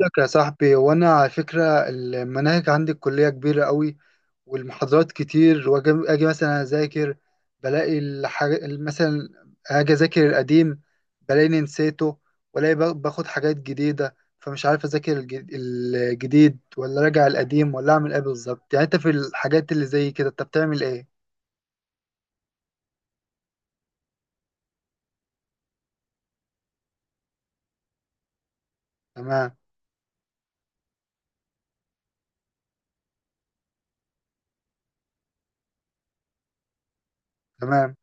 لك يا صاحبي، وانا على فكرة المناهج عندي الكلية كبيرة قوي، والمحاضرات كتير. واجي مثلا اذاكر بلاقي الحاجة، مثلا اجي اذاكر القديم بلاقيني نسيته، والاقي باخد حاجات جديدة. فمش عارف اذاكر الجديد ولا راجع القديم ولا اعمل ايه بالظبط. يعني انت في الحاجات اللي زي كده انت بتعمل ايه؟ تمام. تمام.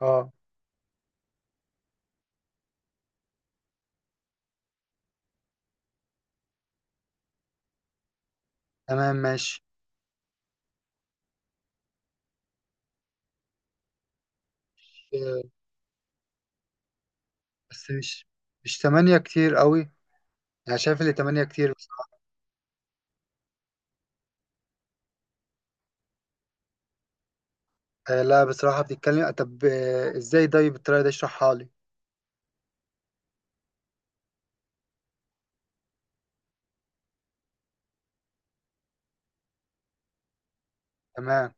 اه، تمام ماشي. آه، بس مش تمانية كتير قوي. يعني شايف اللي تمانية كتير. آه، لا بصراحة بتتكلم. طب ازاي؟ طيب الطريقة دي اشرحها لي. تمام.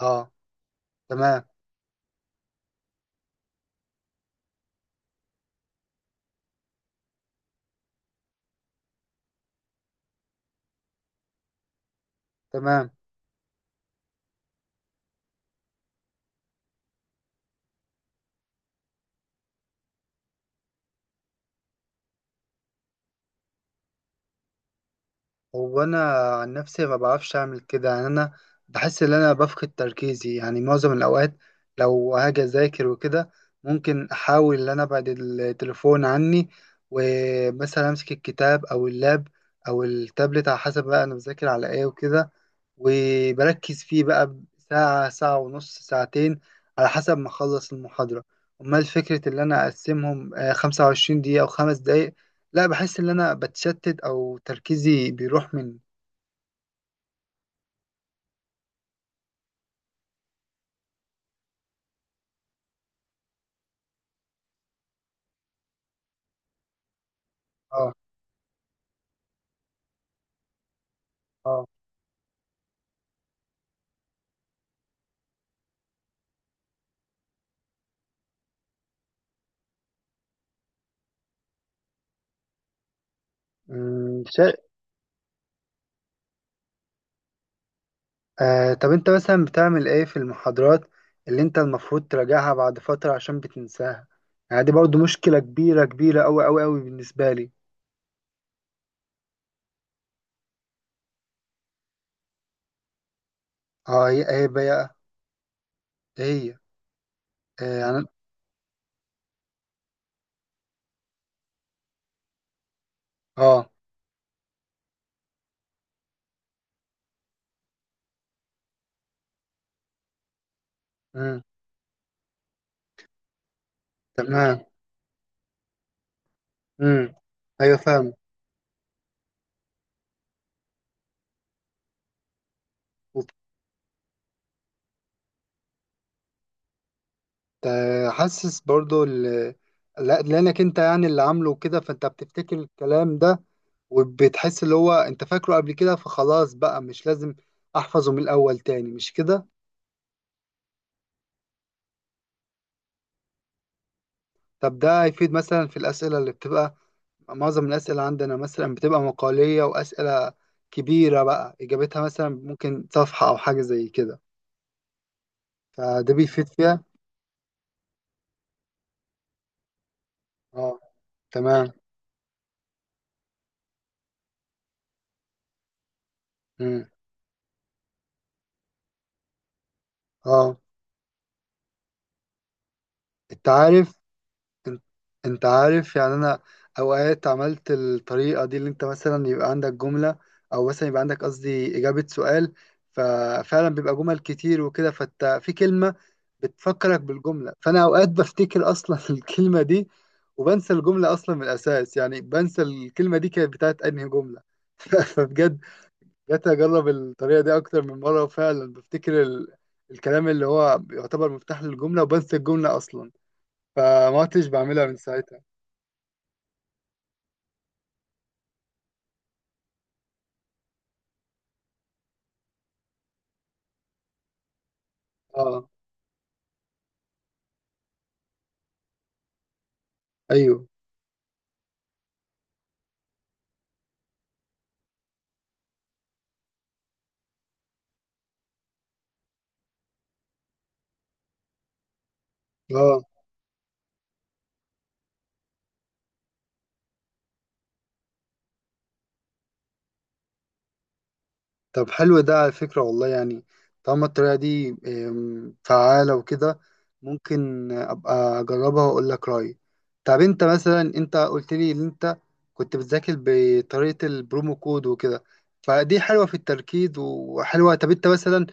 اه. تمام. تمام. هو انا عن نفسي ما بعرفش اعمل كده، يعني انا بحس ان انا بفقد تركيزي يعني معظم الاوقات. لو هاجي اذاكر وكده ممكن احاول ان انا ابعد التليفون عني، ومثلا امسك الكتاب او اللاب او التابلت على حسب بقى انا بذاكر على ايه وكده. وبركز فيه بقى ساعة، ساعة ونص، ساعتين على حسب ما اخلص المحاضرة. امال فكرة ان انا اقسمهم 25 دقيقة او خمس دقايق؟ لا، بحس ان انا بتشتت او تركيزي بيروح من... اه. اه. شيء. آه، طب انت مثلا بتعمل ايه في المحاضرات اللي انت المفروض تراجعها بعد فترة عشان بتنساها؟ يعني دي برضو مشكلة كبيرة كبيرة اوي اوي اوي بالنسبة لي. اه، هي ايه بقى؟ ايه هي؟ يعني... اه. امم. تمام. امم. ايوه فاهم. وبت- حاسس برضو ال... لا لانك انت يعني اللي عامله كده، فانت بتفتكر الكلام ده، وبتحس اللي هو انت فاكره قبل كده فخلاص بقى مش لازم احفظه من الاول تاني، مش كده؟ طب ده هيفيد مثلا في الاسئله اللي بتبقى... معظم الاسئله عندنا مثلا بتبقى مقاليه واسئله كبيره بقى، اجابتها مثلا ممكن صفحه او حاجه زي كده. فده بيفيد فيها؟ اه. تمام. مم. اه. انت عارف. انت انت عارف يعني انا اوقات عملت الطريقه دي اللي انت مثلا يبقى عندك جمله، او مثلا يبقى عندك قصدي اجابه سؤال، ففعلا بيبقى جمل كتير وكده فانت في كلمه بتفكرك بالجمله، فانا اوقات بفتكر اصلا الكلمه دي وبنسى الجمله اصلا من الاساس، يعني بنسى الكلمه دي كانت بتاعت انهي جمله. فبجد جت اجرب الطريقه دي اكتر من مره، وفعلا بفتكر ال... الكلام اللي هو يعتبر مفتاح للجمله وبنسى الجمله اصلا، فما عدتش بعملها من ساعتها. اه. ايوه. اه. طب حلو ده على فكرة والله، يعني طالما الطريقة دي فعالة وكده ممكن أبقى أجربها وأقول لك رأيي. طب أنت مثلا، أنت قلت لي إن أنت كنت بتذاكر بطريقة البرومو كود وكده، فدي حلوة في التركيز وحلوة. طب أنت مثلا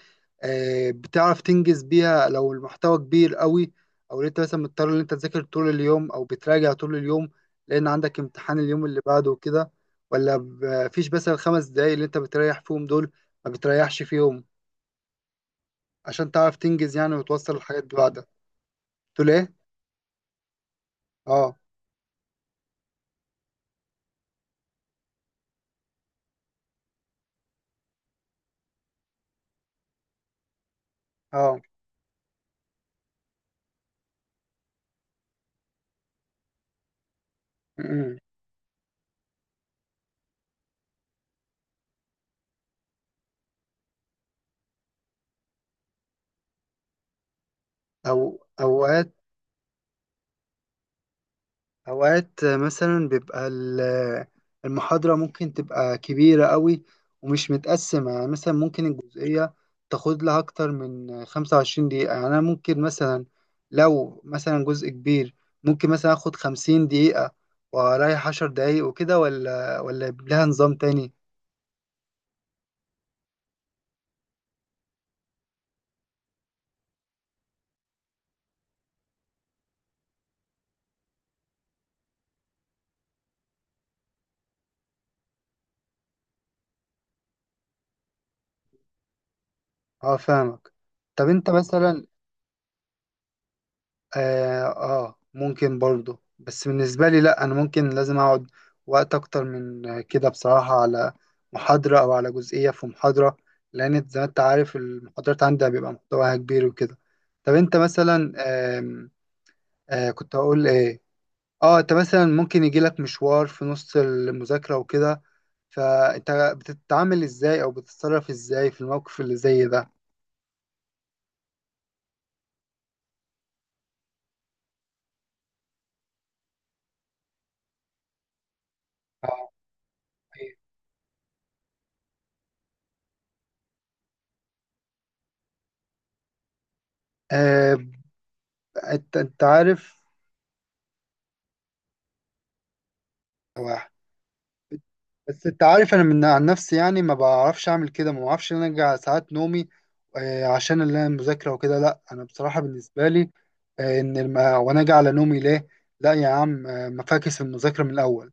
بتعرف تنجز بيها لو المحتوى كبير قوي؟ أو أنت مثلا مضطر إن أنت تذاكر طول اليوم أو بتراجع طول اليوم لأن عندك امتحان اليوم اللي بعده وكده؟ ولا فيش بس الخمس دقايق اللي انت بتريح فيهم دول؟ ما بتريحش في يوم عشان تعرف تنجز يعني وتوصل الحاجات ببعضها؟ تقول ايه؟ اه. اه. م-م. او اوقات... اوقات مثلا بيبقى المحاضرة ممكن تبقى كبيرة قوي ومش متقسمة، يعني مثلا ممكن الجزئية تاخد لها اكتر من 25 دقيقة. يعني انا ممكن مثلا لو مثلا جزء كبير ممكن مثلا اخد 50 دقيقة واريح 10 دقايق وكده، ولا لها نظام تاني؟ اه، فاهمك. طب انت مثلا... اه ممكن برضه، بس بالنسبة لي لا، انا ممكن لازم اقعد وقت اكتر من كده بصراحة على محاضرة او على جزئية في محاضرة، لان زي ما انت عارف المحاضرات عندي بيبقى محتواها كبير وكده. طب انت مثلا آم، كنت هقول ايه... اه، انت مثلا ممكن يجيلك مشوار في نص المذاكرة وكده، فانت بتتعامل ازاي او بتتصرف ازاي في الموقف اللي زي ده؟ اه. أيوة. آه انت عارف، بس انت عارف انا من عن نفسي يعني ما بعرفش اعمل كده، ما بعرفش ان انا ارجع ساعات نومي عشان اللي انا المذاكره وكده. لا، انا بصراحه بالنسبه لي ان الم... وانا اجي على نومي ليه؟ لا يا عم، ما فاكس المذاكره من الاول.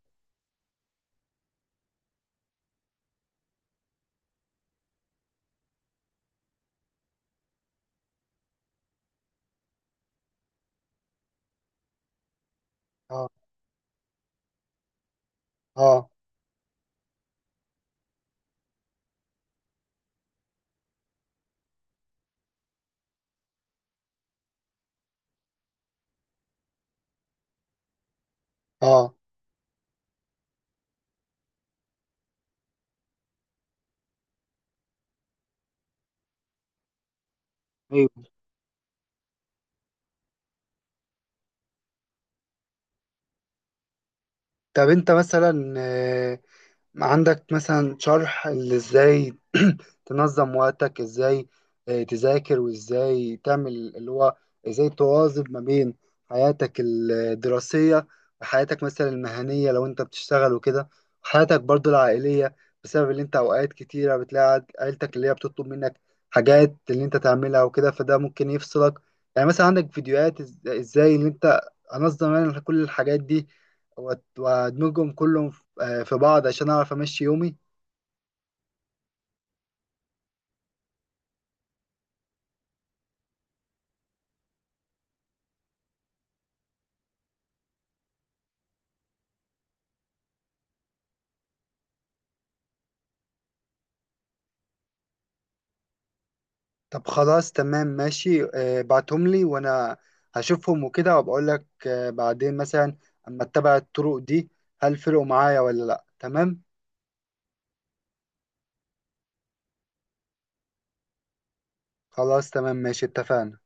اه. اه. اه. ايوه. طب انت مثلا عندك مثلا شرح اللي ازاي تنظم وقتك، ازاي تذاكر، وازاي تعمل اللي هو ازاي تواظب ما بين حياتك الدراسية وحياتك مثلا المهنية لو انت بتشتغل وكده، وحياتك برضو العائلية؟ بسبب اللي انت اوقات كتيرة بتلاقي عيلتك اللي هي بتطلب منك حاجات اللي انت تعملها وكده فده ممكن يفصلك. يعني مثلا عندك فيديوهات ازاي اللي انت انظم انا كل الحاجات دي وادمجهم كلهم في بعض عشان اعرف امشي يومي؟ طب خلاص تمام ماشي. بعتهم لي وانا هشوفهم وكده وبقول لك بعدين مثلا اما اتبع الطرق دي هل فرقوا معايا ولا لا. تمام. خلاص تمام ماشي، اتفقنا.